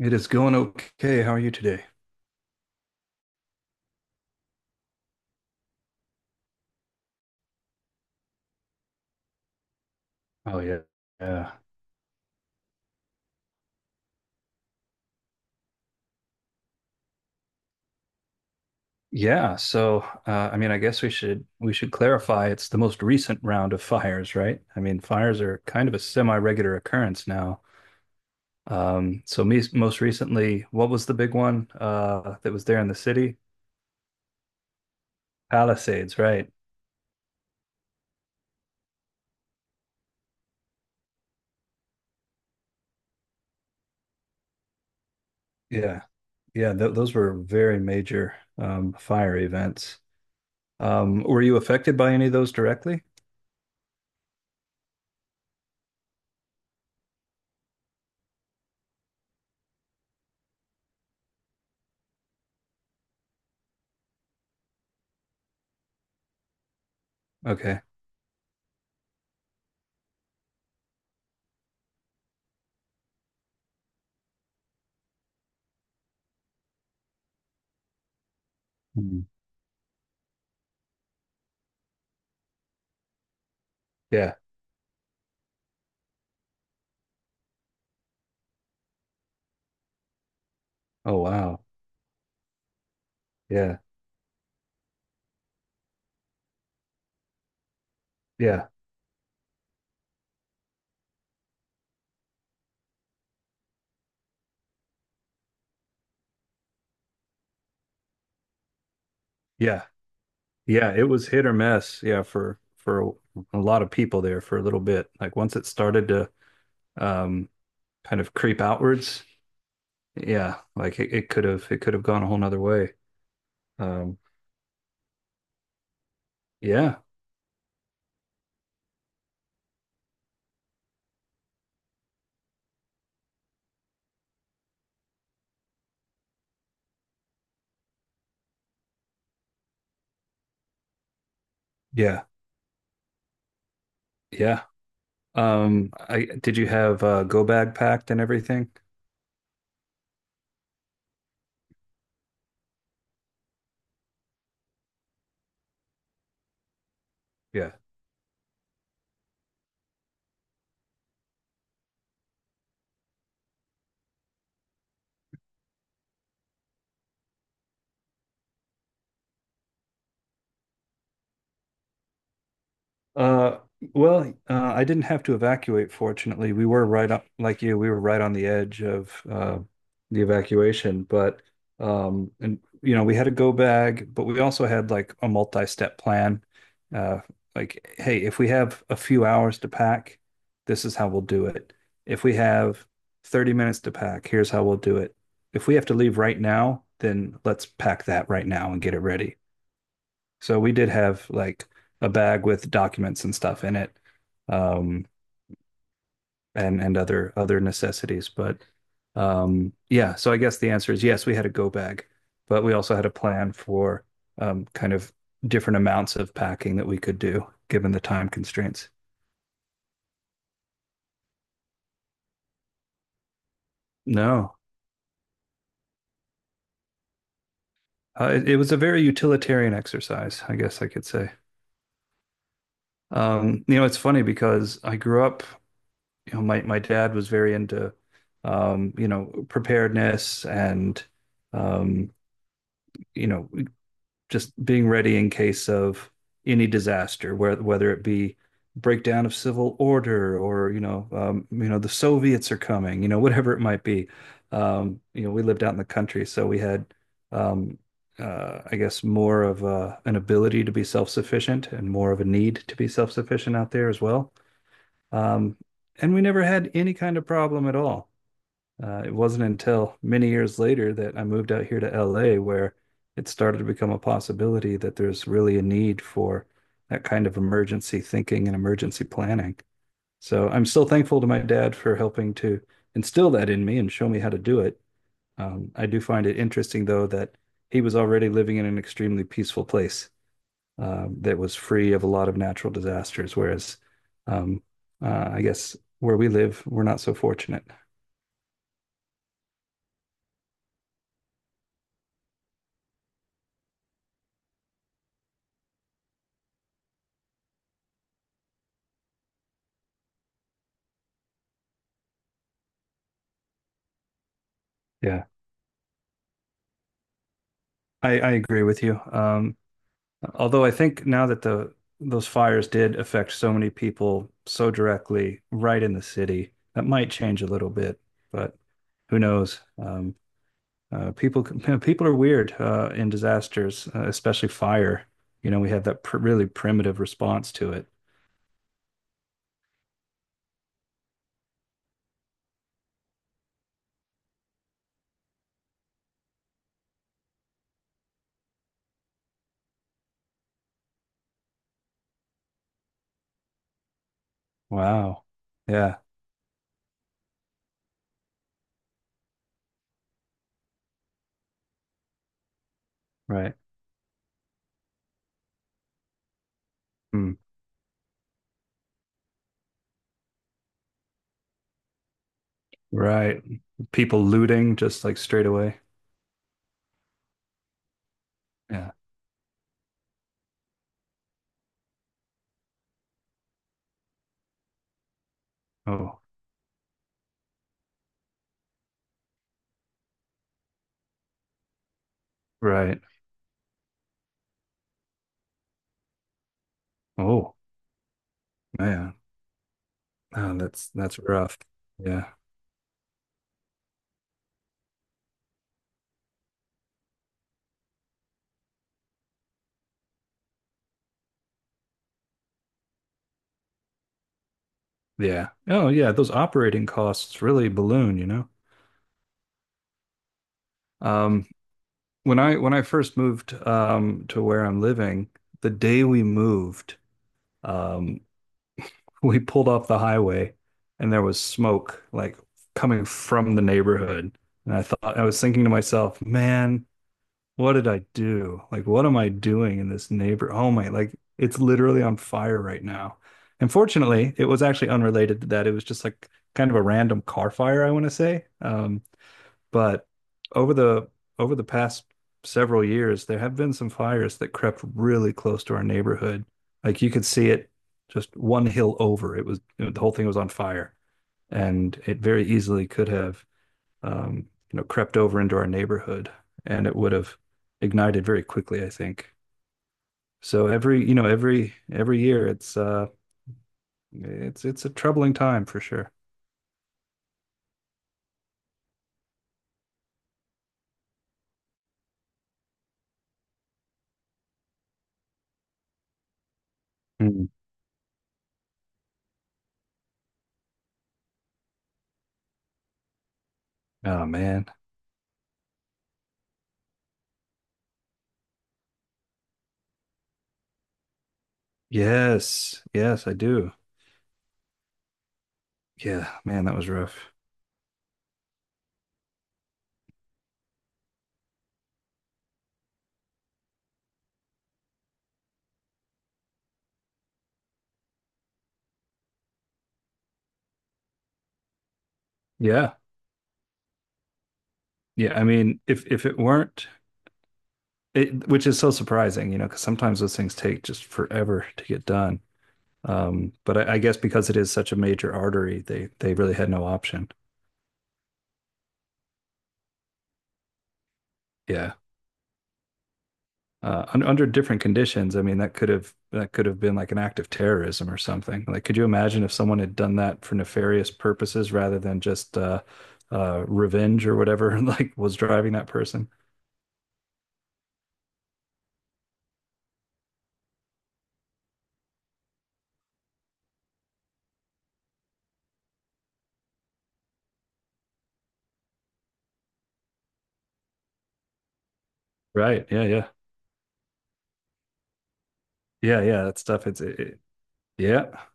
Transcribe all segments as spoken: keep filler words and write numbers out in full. It is going okay. How are you today? Oh yeah. Yeah. Yeah, so uh, I mean I guess we should we should clarify it's the most recent round of fires, right? I mean fires are kind of a semi-regular occurrence now. Um so me most recently, what was the big one uh that was there in the city? Palisades, right? Yeah. Yeah, th those were very major um fire events. Um were you affected by any of those directly? Okay. Mm. Yeah. Oh wow. Yeah. Yeah. Yeah. Yeah, it was hit or miss. Yeah, for for a, a lot of people there for a little bit. Like once it started to um kind of creep outwards, yeah, like it, it could have it could have gone a whole nother way. Um yeah, yeah, yeah. Um I did you have uh go bag packed and everything? Yeah. Uh, well, uh, I didn't have to evacuate, fortunately. We were right up, like you, we were right on the edge of uh, the evacuation, but um, and you know, we had a go bag, but we also had like a multi-step plan. Uh, like, hey, if we have a few hours to pack, this is how we'll do it. If we have thirty minutes to pack, here's how we'll do it. If we have to leave right now, then let's pack that right now and get it ready. So we did have like a bag with documents and stuff in it, um, and and other other necessities. But um, yeah, so I guess the answer is yes, we had a go bag, but we also had a plan for um, kind of different amounts of packing that we could do given the time constraints. No, uh, it, it was a very utilitarian exercise, I guess I could say. Um, you know, it's funny because I grew up you know, my my dad was very into um, you know, preparedness and um, you know, just being ready in case of any disaster, whether whether it be breakdown of civil order or you know, um, you know, the Soviets are coming, you know, whatever it might be. Um, you know, we lived out in the country, so we had um, uh, I guess more of uh an ability to be self-sufficient and more of a need to be self-sufficient out there as well. Um, and we never had any kind of problem at all. Uh, it wasn't until many years later that I moved out here to L A where it started to become a possibility that there's really a need for that kind of emergency thinking and emergency planning. So I'm still thankful to my dad for helping to instill that in me and show me how to do it. Um, I do find it interesting, though, that he was already living in an extremely peaceful place um, that was free of a lot of natural disasters. Whereas, um, uh, I guess where we live, we're not so fortunate. Yeah, I, I agree with you. Um, although I think now that the those fires did affect so many people so directly right in the city, that might change a little bit, but who knows? Um, uh, people people are weird uh, in disasters, uh, especially fire. You know, we have that pr really primitive response to it. Wow. Yeah, right. Hmm. Right. People looting just like straight away. Yeah. Oh, right. Oh, man. Oh, that's that's rough. Yeah. Yeah. Oh, yeah, those operating costs really balloon, you know. Um, When I when I first moved um, to where I'm living, the day we moved, um, we pulled off the highway, and there was smoke like coming from the neighborhood. And I thought I was thinking to myself, man, what did I do? Like, what am I doing in this neighbor? Oh my, like it's literally on fire right now. And fortunately, it was actually unrelated to that. It was just like kind of a random car fire, I want to say. Um, but over the over the past several years, there have been some fires that crept really close to our neighborhood. Like you could see it just one hill over. It was you know, the whole thing was on fire, and it very easily could have um, you know crept over into our neighborhood, and it would have ignited very quickly, I think. So every you know every every year, it's uh it's it's a troubling time for sure. Mm. Oh man, yes, yes, I do. Yeah, man, that was rough. Yeah. Yeah. I mean, if if it weren't it, which is so surprising, you know, because sometimes those things take just forever to get done. Um, but I, I guess because it is such a major artery, they they really had no option. Yeah. Uh, un, under different conditions, I mean, that could have that could have been like an act of terrorism or something. Like, could you imagine if someone had done that for nefarious purposes rather than just uh, uh, revenge or whatever, like was driving that person? Right. Yeah. Yeah. Yeah. Yeah. That stuff. It's it, it- yeah.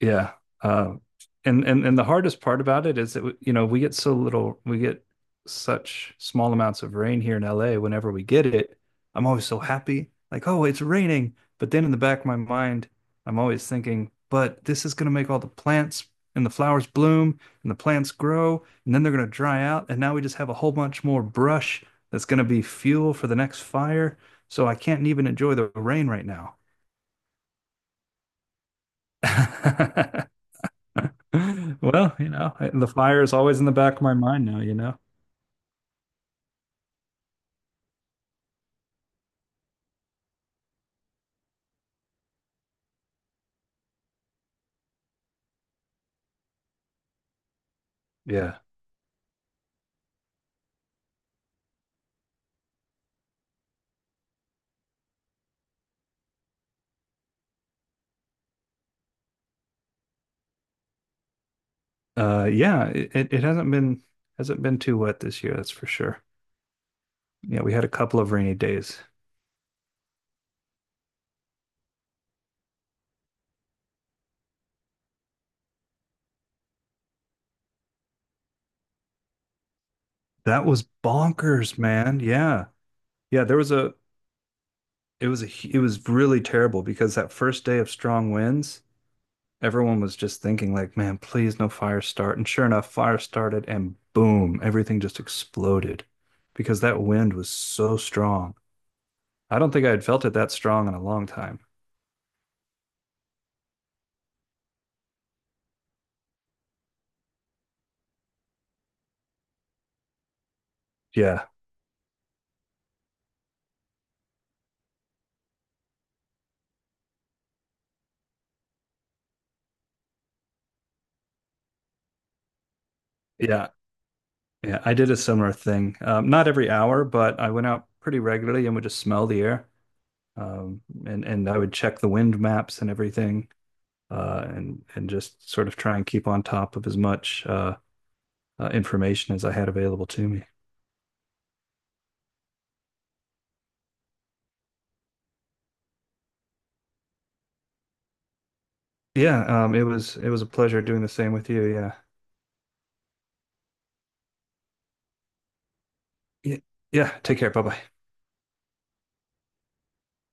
yeah. Um, and and and the hardest part about it is that you know we get so little, we get such small amounts of rain here in L A. Whenever we get it, I'm always so happy, like oh it's raining. But then in the back of my mind, I'm always thinking, but this is going to make all the plants and the flowers bloom and the plants grow and then they're going to dry out and now we just have a whole bunch more brush that's going to be fuel for the next fire. So I can't even enjoy the rain right now. Well, you know, I- the fire is always in the back of my mind now, you know. Yeah. Uh yeah, it, it it hasn't been hasn't been too wet this year, that's for sure. Yeah, we had a couple of rainy days. That was bonkers, man. Yeah. Yeah, there was a it was a hu- it was really terrible because that first day of strong winds, everyone was just thinking like, man, please no fire start. And sure enough, fire started and boom, everything just exploded because that wind was so strong. I don't think I had felt it that strong in a long time. Yeah, yeah, yeah. I did a similar thing. Um, not every hour, but I went out pretty regularly and would just smell the air. Um, and and I would check the wind maps and everything, uh, and and just sort of try and keep on top of as much uh, uh, information as I had available to me. Yeah, um, it was it was a pleasure doing the same with you. Yeah, yeah. yeah. Take care. Bye bye.